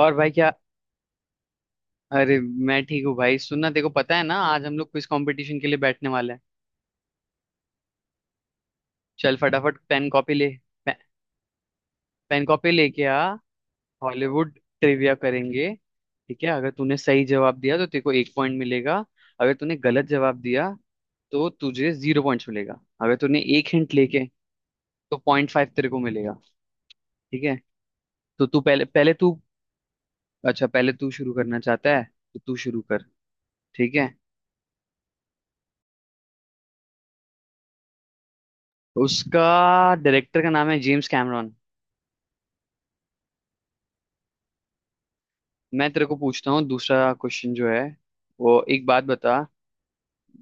और भाई क्या? अरे, मैं ठीक हूँ भाई। सुनना, देखो पता है ना, आज हम लोग क्विज कंपटीशन के लिए बैठने वाले हैं। चल फटाफट पेन कॉपी ले। पे, पेन कॉपी लेके आ। हॉलीवुड ट्रिविया करेंगे। ठीक है, अगर तूने सही जवाब दिया तो तेरे को एक पॉइंट मिलेगा। अगर तूने गलत जवाब दिया तो तुझे जीरो पॉइंट्स मिलेगा। अगर तूने एक हिंट लेके तो पॉइंट फाइव तेरे को मिलेगा। ठीक है, तो तू पहले पहले तू। अच्छा, पहले तू शुरू करना चाहता है, तो तू शुरू कर। ठीक है। उसका डायरेक्टर का नाम है जेम्स कैमरॉन। मैं तेरे को पूछता हूँ, दूसरा क्वेश्चन जो है, वो एक बात बता।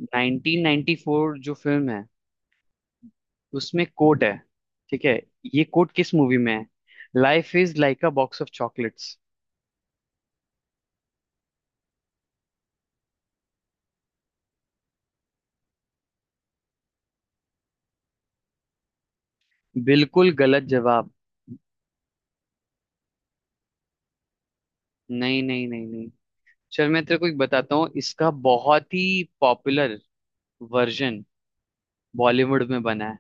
1994 जो फिल्म है, उसमें कोट है। ठीक है, ये कोट किस मूवी में है? Life is like a box of chocolates. बिल्कुल गलत जवाब। नहीं नहीं नहीं नहीं। चल मैं तेरे को एक बताता हूँ, इसका बहुत ही पॉपुलर वर्जन बॉलीवुड में बना है।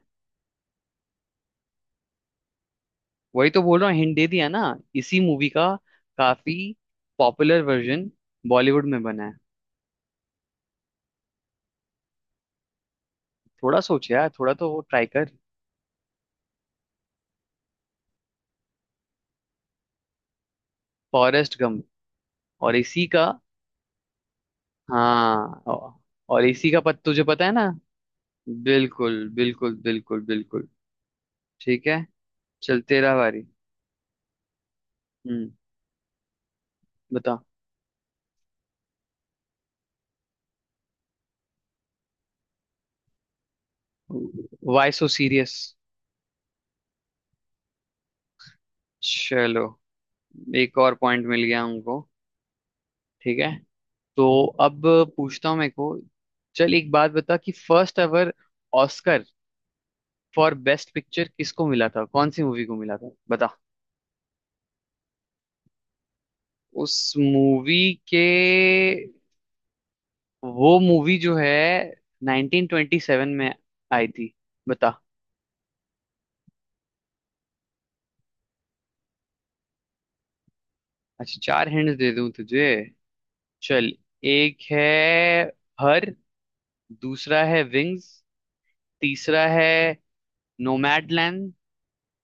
वही तो बोल रहा हूँ, हिंट दे दिया ना। इसी मूवी का काफी पॉपुलर वर्जन बॉलीवुड में बना है। थोड़ा सोच यार, थोड़ा तो ट्राई कर। फॉरेस्ट गम और इसी का। हाँ और इसी का पत तुझे पता है ना। बिल्कुल बिल्कुल बिल्कुल बिल्कुल। ठीक है, चल तेरा बारी। हम्म, बता। Why so serious. चलो, एक और पॉइंट मिल गया हमको। ठीक है, तो अब पूछता हूँ मेरे को। चल एक बात बता कि first ever Oscar for best picture किसको मिला था, कौन सी मूवी को मिला था, बता। उस मूवी के, वो मूवी जो है 1927 में आई थी, बता। अच्छा, चार हिंट दे दूं तुझे। चल, एक है हर, दूसरा है विंग्स, तीसरा है नोमैडलैंड,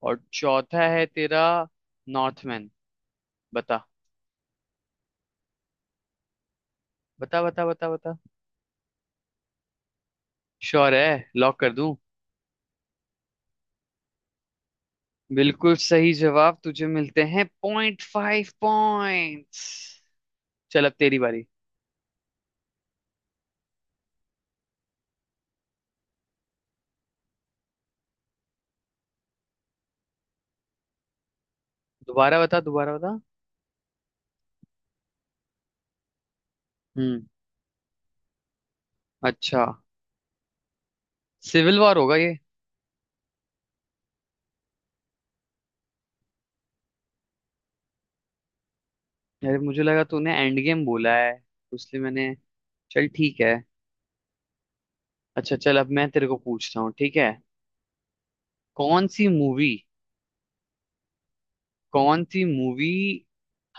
और चौथा है तेरा नॉर्थमैन। बता बता बता बता बता। श्योर है? लॉक कर दूं? बिल्कुल सही जवाब, तुझे मिलते हैं पॉइंट फाइव पॉइंट्स। चल अब तेरी बारी। दोबारा बता, दोबारा बता। हम्म। अच्छा, सिविल वॉर होगा ये। यार मुझे लगा तूने एंड गेम बोला है, तो इसलिए मैंने। चल ठीक है। अच्छा चल, अब मैं तेरे को पूछता हूँ, ठीक है। कौन सी मूवी, कौन सी मूवी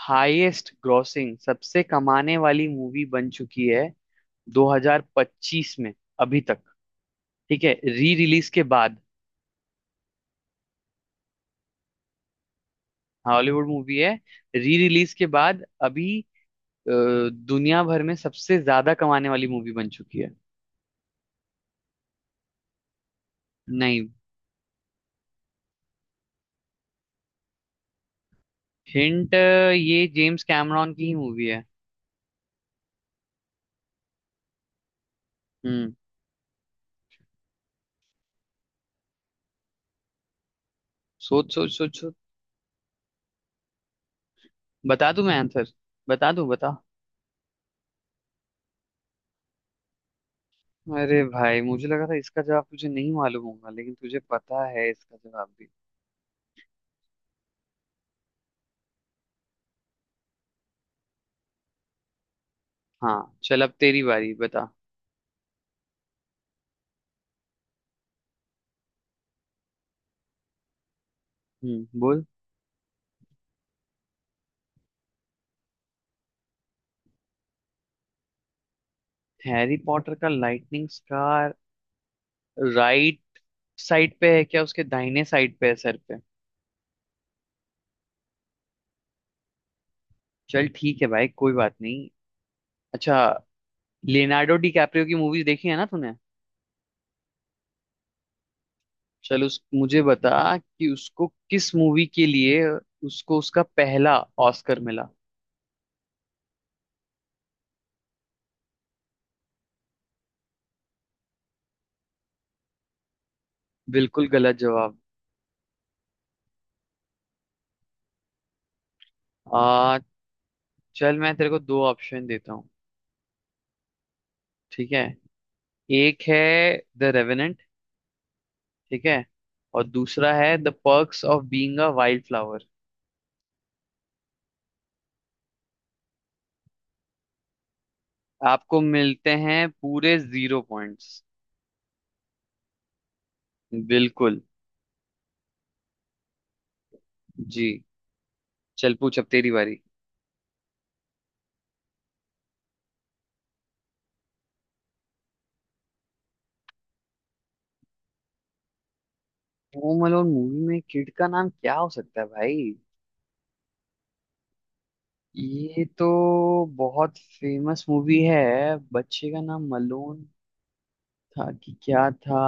हाईएस्ट ग्रॉसिंग, सबसे कमाने वाली मूवी बन चुकी है 2025 में अभी तक। ठीक है, री रिलीज के बाद। हॉलीवुड मूवी है, री रिलीज के बाद अभी दुनिया भर में सबसे ज्यादा कमाने वाली मूवी बन चुकी है। नहीं। हिंट, ये जेम्स कैमरॉन की ही मूवी है। हम्म। सोच सोच सोच सोच। बता दूं मैं आंसर? बता दूं, बता। अरे भाई, मुझे लगा था इसका जवाब तुझे नहीं मालूम होगा, लेकिन तुझे पता है इसका जवाब भी। हाँ चल, अब तेरी बारी बता। हम्म, बोल। हैरी पॉटर का लाइटनिंग स्कार राइट साइड पे है क्या, उसके दाहिने साइड पे है सर पे? चल ठीक है भाई, कोई बात नहीं। अच्छा, लियोनार्डो डी कैप्रियो की मूवीज देखी है ना तूने? चल उस मुझे बता कि उसको किस मूवी के लिए, उसको उसका पहला ऑस्कर मिला। बिल्कुल गलत जवाब। आ चल मैं तेरे को दो ऑप्शन देता हूँ, ठीक है। एक है द रेवेनेंट, ठीक है, और दूसरा है the perks of being a wild flower. आपको मिलते हैं पूरे जीरो पॉइंट्स। बिल्कुल। जी। चल पूछ, अब तेरी बारी। होम अलोन मूवी में किड का नाम क्या हो सकता है भाई? ये तो बहुत फेमस मूवी है। बच्चे का नाम मलून था कि क्या था?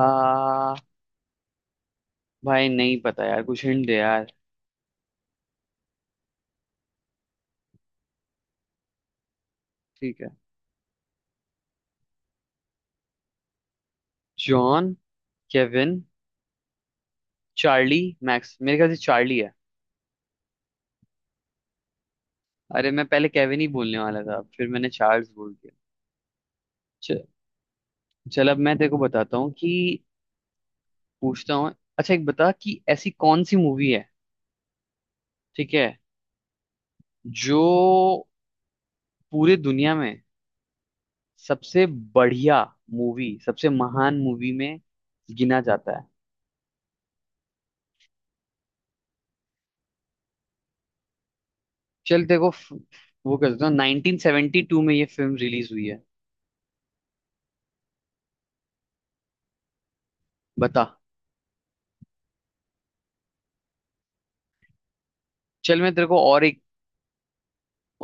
भाई नहीं पता यार, कुछ हिंट दे यार। ठीक है। जॉन, केविन, चार्ली, मैक्स, मेरे ख्याल से चार्ली है। अरे मैं पहले केविन ही बोलने वाला था, फिर मैंने चार्ल्स बोल दिया। च- चल अब मैं तेरे को बताता हूँ कि पूछता हूँ। अच्छा एक बता कि ऐसी कौन सी मूवी है, ठीक है, जो पूरे दुनिया में सबसे बढ़िया मूवी, सबसे महान मूवी में गिना जाता है? चल तेरे को वो कर देता हूँ, 1972 में ये फिल्म रिलीज हुई है, बता। चल मैं तेरे को और एक,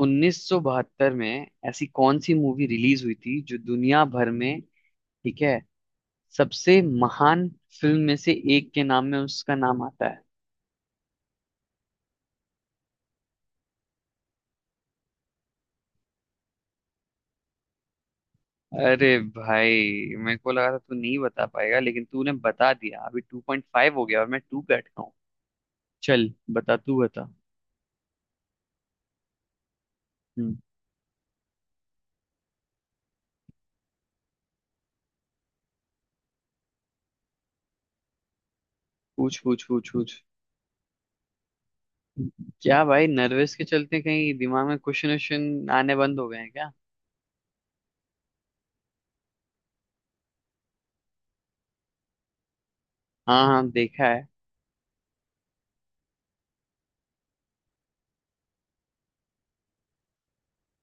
1972 में ऐसी कौन सी मूवी रिलीज हुई थी जो दुनिया भर में, ठीक है, सबसे महान फिल्म में से एक के नाम में उसका नाम आता है? अरे भाई, मेरे को लगा था तू नहीं बता पाएगा लेकिन तूने बता दिया। अभी 2.5 हो गया और मैं 2 पे अटका हूँ। चल बता, तू बता। हम्म। पूछ पूछ पूछ पूछ। क्या भाई, नर्वस के चलते कहीं दिमाग में क्वेश्चन वोश्चन आने बंद हो गए हैं क्या? हाँ हाँ, देखा है।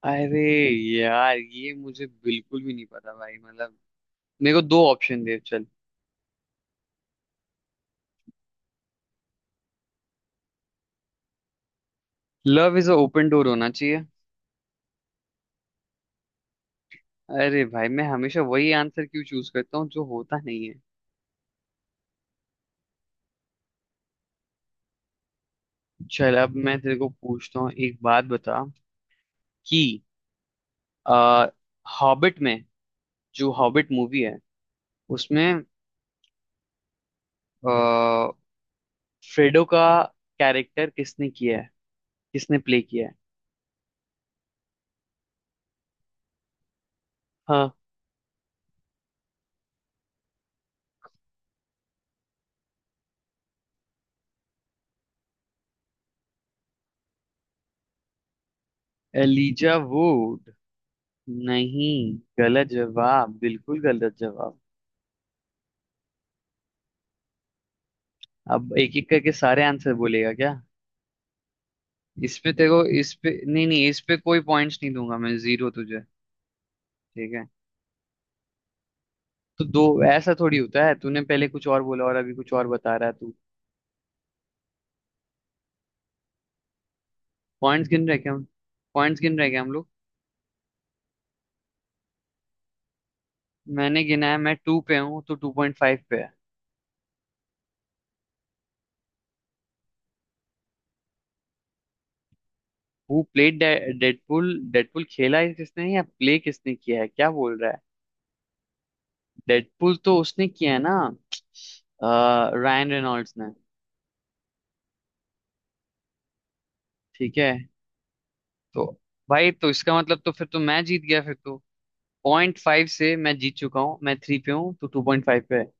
अरे यार, ये मुझे बिल्कुल भी नहीं पता भाई, मतलब मेरे को दो ऑप्शन दे चल। Love is a open door होना चाहिए। अरे भाई, मैं हमेशा वही आंसर क्यों चूज करता हूँ जो होता नहीं है? चल अब मैं तेरे को पूछता हूँ, एक बात बता कि आ, हॉबिट में, जो हॉबिट मूवी है, उसमें आ, फ्रेडो का कैरेक्टर किसने किया है, किसने प्ले किया है? हाँ। Elijah would? नहीं, गलत जवाब, बिल्कुल गलत जवाब। अब एक एक करके सारे आंसर बोलेगा क्या? इस पे तेरे को, इस पे नहीं नहीं, इस पे कोई पॉइंट्स नहीं दूंगा मैं, जीरो तुझे। ठीक है, तो दो। ऐसा थोड़ी होता है, तूने पहले कुछ और बोला और अभी कुछ और बता रहा है तू। पॉइंट्स गिन रहे क्या हम, पॉइंट्स गिन रहे क्या हम लोग? मैंने गिना है, मैं टू पे हूँ तो टू पॉइंट फाइव पे है। Who played Deadpool? डेडपुल खेला है किसने, या प्ले किसने किया है, क्या बोल रहा है? डेडपुल तो उसने किया है ना, रायन रेनॉल्ड्स ने। ठीक है, तो भाई तो इसका मतलब तो फिर तो मैं जीत गया फिर तो, पॉइंट फाइव से मैं जीत चुका हूँ, मैं थ्री पे हूँ तो टू पॉइंट फाइव पे है।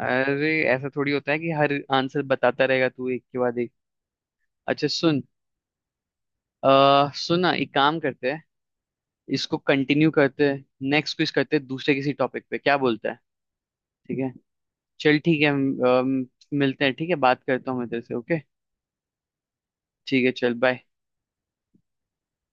अरे ऐसा थोड़ी होता है कि हर आंसर बताता रहेगा तू एक के बाद एक। अच्छा सुन, सुन ना, एक काम करते हैं, इसको कंटिन्यू करते हैं। नेक्स्ट क्विज करते हैं दूसरे किसी टॉपिक पे, क्या बोलता है? ठीक है, चल ठीक है, मिलते हैं, ठीक है, बात करता हूँ मैं तेरे से। ओके, ठीक है, चल बाय।